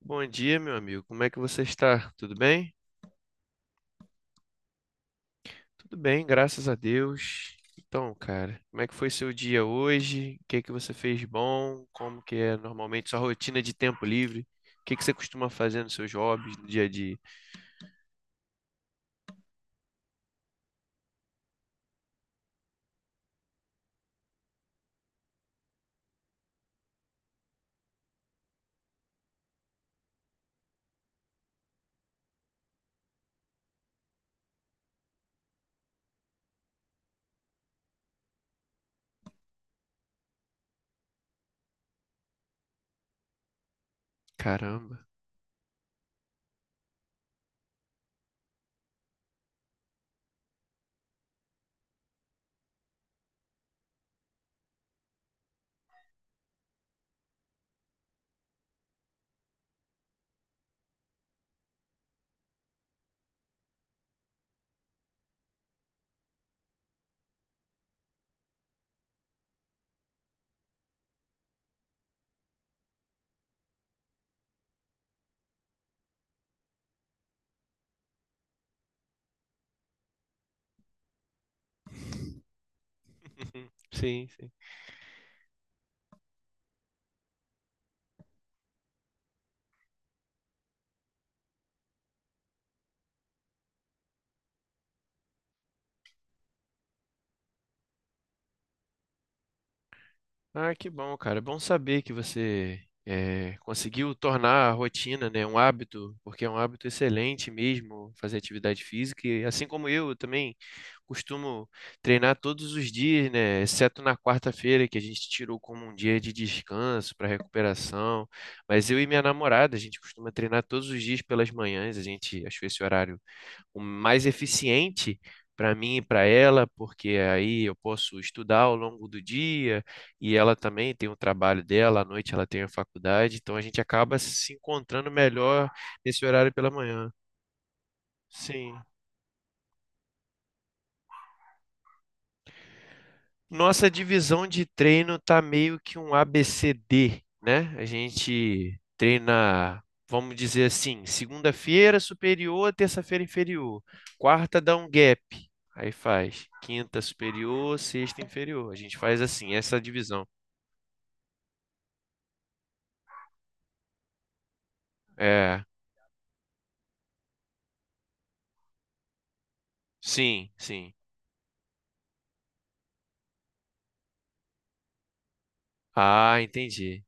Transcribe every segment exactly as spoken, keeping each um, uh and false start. Bom dia, meu amigo. Como é que você está? Tudo bem? Tudo bem, graças a Deus. Então, cara, como é que foi seu dia hoje? O que é que você fez de bom? Como que é normalmente sua rotina de tempo livre? O que é que você costuma fazer nos seus hobbies, no dia a dia? Caramba. Sim, sim. Ah, que bom, cara. É bom saber que você eh, conseguiu tornar a rotina, né, um hábito, porque é um hábito excelente mesmo fazer atividade física. E assim como eu, eu também costumo treinar todos os dias, né, exceto na quarta-feira, que a gente tirou como um dia de descanso para recuperação. Mas eu e minha namorada, a gente costuma treinar todos os dias pelas manhãs. A gente achou esse horário o mais eficiente para mim e para ela, porque aí eu posso estudar ao longo do dia e ela também tem o trabalho dela, à noite ela tem a faculdade, então a gente acaba se encontrando melhor nesse horário pela manhã. Sim. Nossa divisão de treino tá meio que um A B C D, né? A gente treina, vamos dizer assim, segunda-feira superior, terça-feira inferior. Quarta dá um gap, aí faz quinta superior, sexta inferior. A gente faz assim, essa divisão. É, sim, sim. Ah, entendi.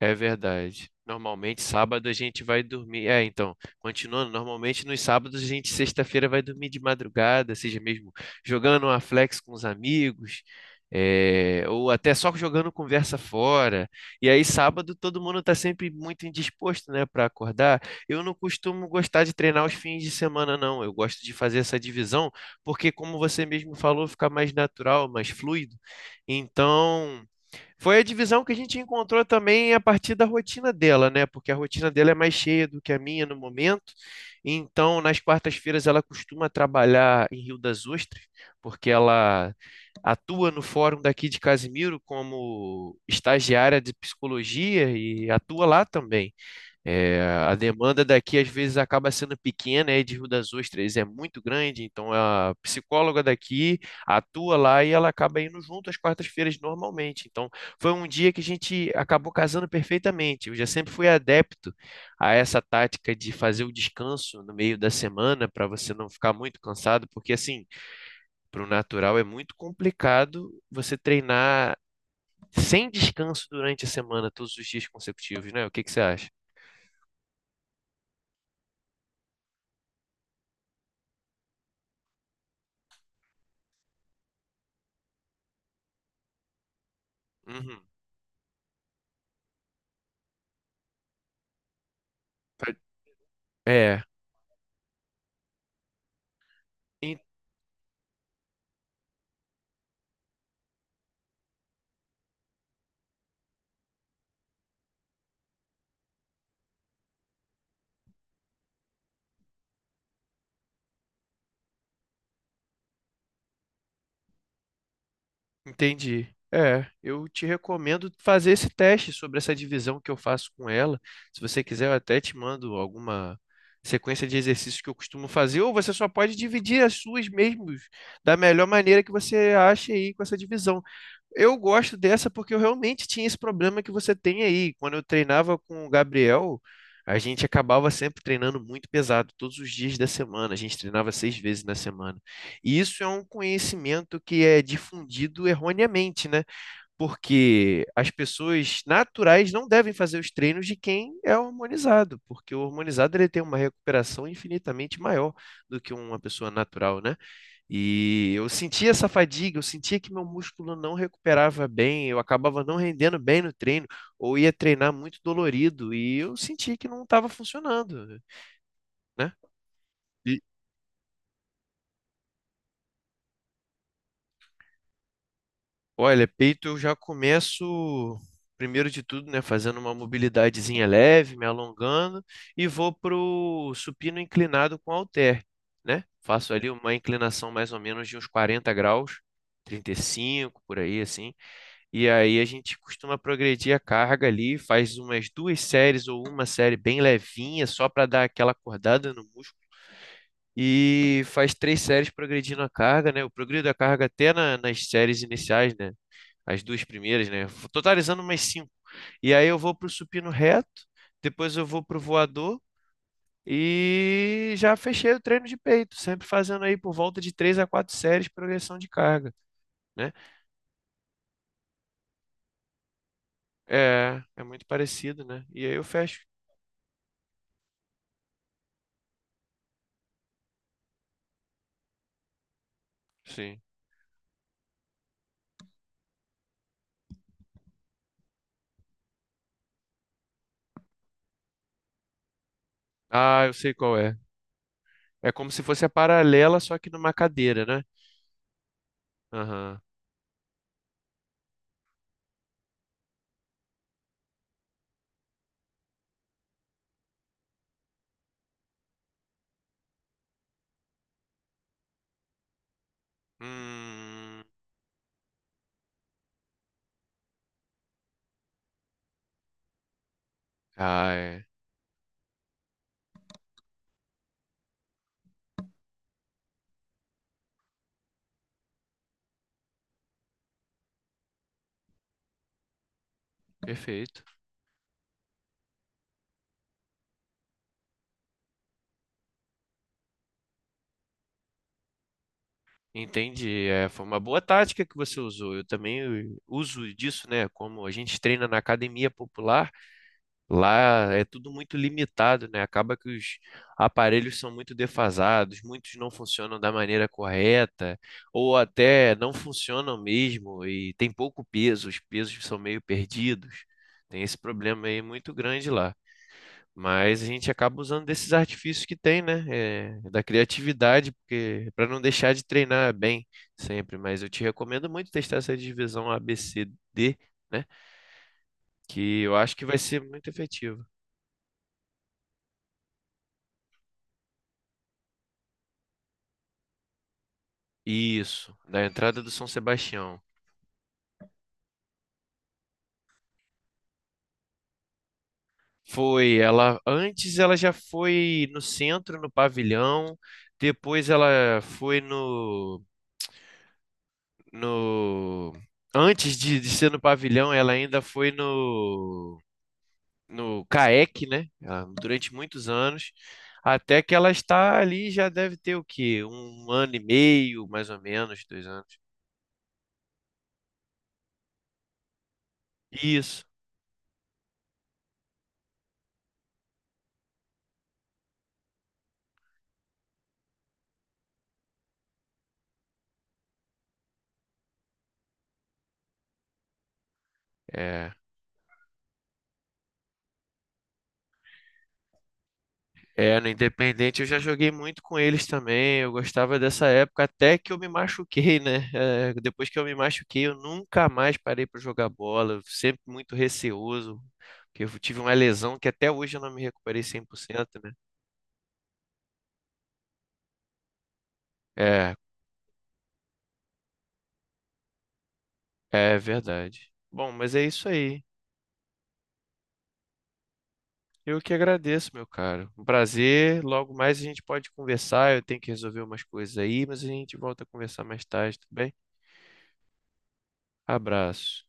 É verdade. Normalmente sábado a gente vai dormir. É, então, continuando, normalmente nos sábados a gente sexta-feira vai dormir de madrugada, seja mesmo jogando uma flex com os amigos, é, ou até só jogando conversa fora. E aí sábado todo mundo está sempre muito indisposto, né, para acordar. Eu não costumo gostar de treinar os fins de semana, não. Eu gosto de fazer essa divisão, porque como você mesmo falou, fica mais natural, mais fluido. Então foi a divisão que a gente encontrou também a partir da rotina dela, né? Porque a rotina dela é mais cheia do que a minha no momento. Então, nas quartas-feiras, ela costuma trabalhar em Rio das Ostras, porque ela atua no fórum daqui de Casimiro como estagiária de psicologia e atua lá também. É, a demanda daqui às vezes acaba sendo pequena, e de Rio das Ostras é muito grande, então a psicóloga daqui atua lá e ela acaba indo junto às quartas-feiras normalmente. Então foi um dia que a gente acabou casando perfeitamente. Eu já sempre fui adepto a essa tática de fazer o descanso no meio da semana para você não ficar muito cansado, porque assim, para o natural é muito complicado você treinar sem descanso durante a semana, todos os dias consecutivos, né? O que que você acha? Uhum. É, En- Entendi. É, eu te recomendo fazer esse teste sobre essa divisão que eu faço com ela. Se você quiser, eu até te mando alguma sequência de exercícios que eu costumo fazer, ou você só pode dividir as suas mesmos da melhor maneira que você acha aí com essa divisão. Eu gosto dessa porque eu realmente tinha esse problema que você tem aí. Quando eu treinava com o Gabriel, a gente acabava sempre treinando muito pesado, todos os dias da semana. A gente treinava seis vezes na semana. E isso é um conhecimento que é difundido erroneamente, né? Porque as pessoas naturais não devem fazer os treinos de quem é hormonizado, porque o hormonizado ele tem uma recuperação infinitamente maior do que uma pessoa natural, né? E eu sentia essa fadiga, eu sentia que meu músculo não recuperava bem, eu acabava não rendendo bem no treino, ou ia treinar muito dolorido, e eu sentia que não estava funcionando, né? E olha, peito eu já começo, primeiro de tudo, né, fazendo uma mobilidadezinha leve, me alongando, e vou pro supino inclinado com halter, né? Faço ali uma inclinação mais ou menos de uns quarenta graus, trinta e cinco por aí assim. E aí a gente costuma progredir a carga ali, faz umas duas séries ou uma série bem levinha, só para dar aquela acordada no músculo. E faz três séries progredindo a carga, né? Eu progrido a carga até na- nas séries iniciais, né? As duas primeiras, né? Totalizando umas cinco. E aí eu vou pro supino reto, depois eu vou pro voador e já fechei o treino de peito, sempre fazendo aí por volta de três a quatro séries progressão de carga, né? É, é muito parecido, né? E aí eu fecho. Sim. Ah, eu sei qual é. É como se fosse a paralela, só que numa cadeira, né? Aham. Hum. Ah, é. Perfeito. Entendi. É, foi uma boa tática que você usou. Eu também uso disso, né? Como a gente treina na academia popular. Lá é tudo muito limitado, né? Acaba que os aparelhos são muito defasados, muitos não funcionam da maneira correta, ou até não funcionam mesmo e tem pouco peso, os pesos são meio perdidos. Tem esse problema aí muito grande lá. Mas a gente acaba usando desses artifícios que tem, né? É, da criatividade, porque para não deixar de treinar bem sempre. Mas eu te recomendo muito testar essa divisão A B C D, né? Que eu acho que vai ser muito efetivo. Isso, da entrada do São Sebastião. Foi, ela antes ela já foi no centro, no pavilhão, depois ela foi no no antes de, de ser no pavilhão, ela ainda foi no no CAEC, né? Ela- Durante muitos anos, até que ela está ali já deve ter o quê? Um ano e meio, mais ou menos, dois anos. Isso. É. É, no Independente eu já joguei muito com eles também. Eu gostava dessa época até que eu me machuquei, né? É, depois que eu me machuquei, eu nunca mais parei para jogar bola. Eu sempre muito receoso, porque eu tive uma lesão que até hoje eu não me recuperei cem por cento, né? É, é verdade. Bom, mas é isso aí. Eu que agradeço, meu caro. Um prazer. Logo mais a gente pode conversar. Eu tenho que resolver umas coisas aí, mas a gente volta a conversar mais tarde, tudo bem? Abraço.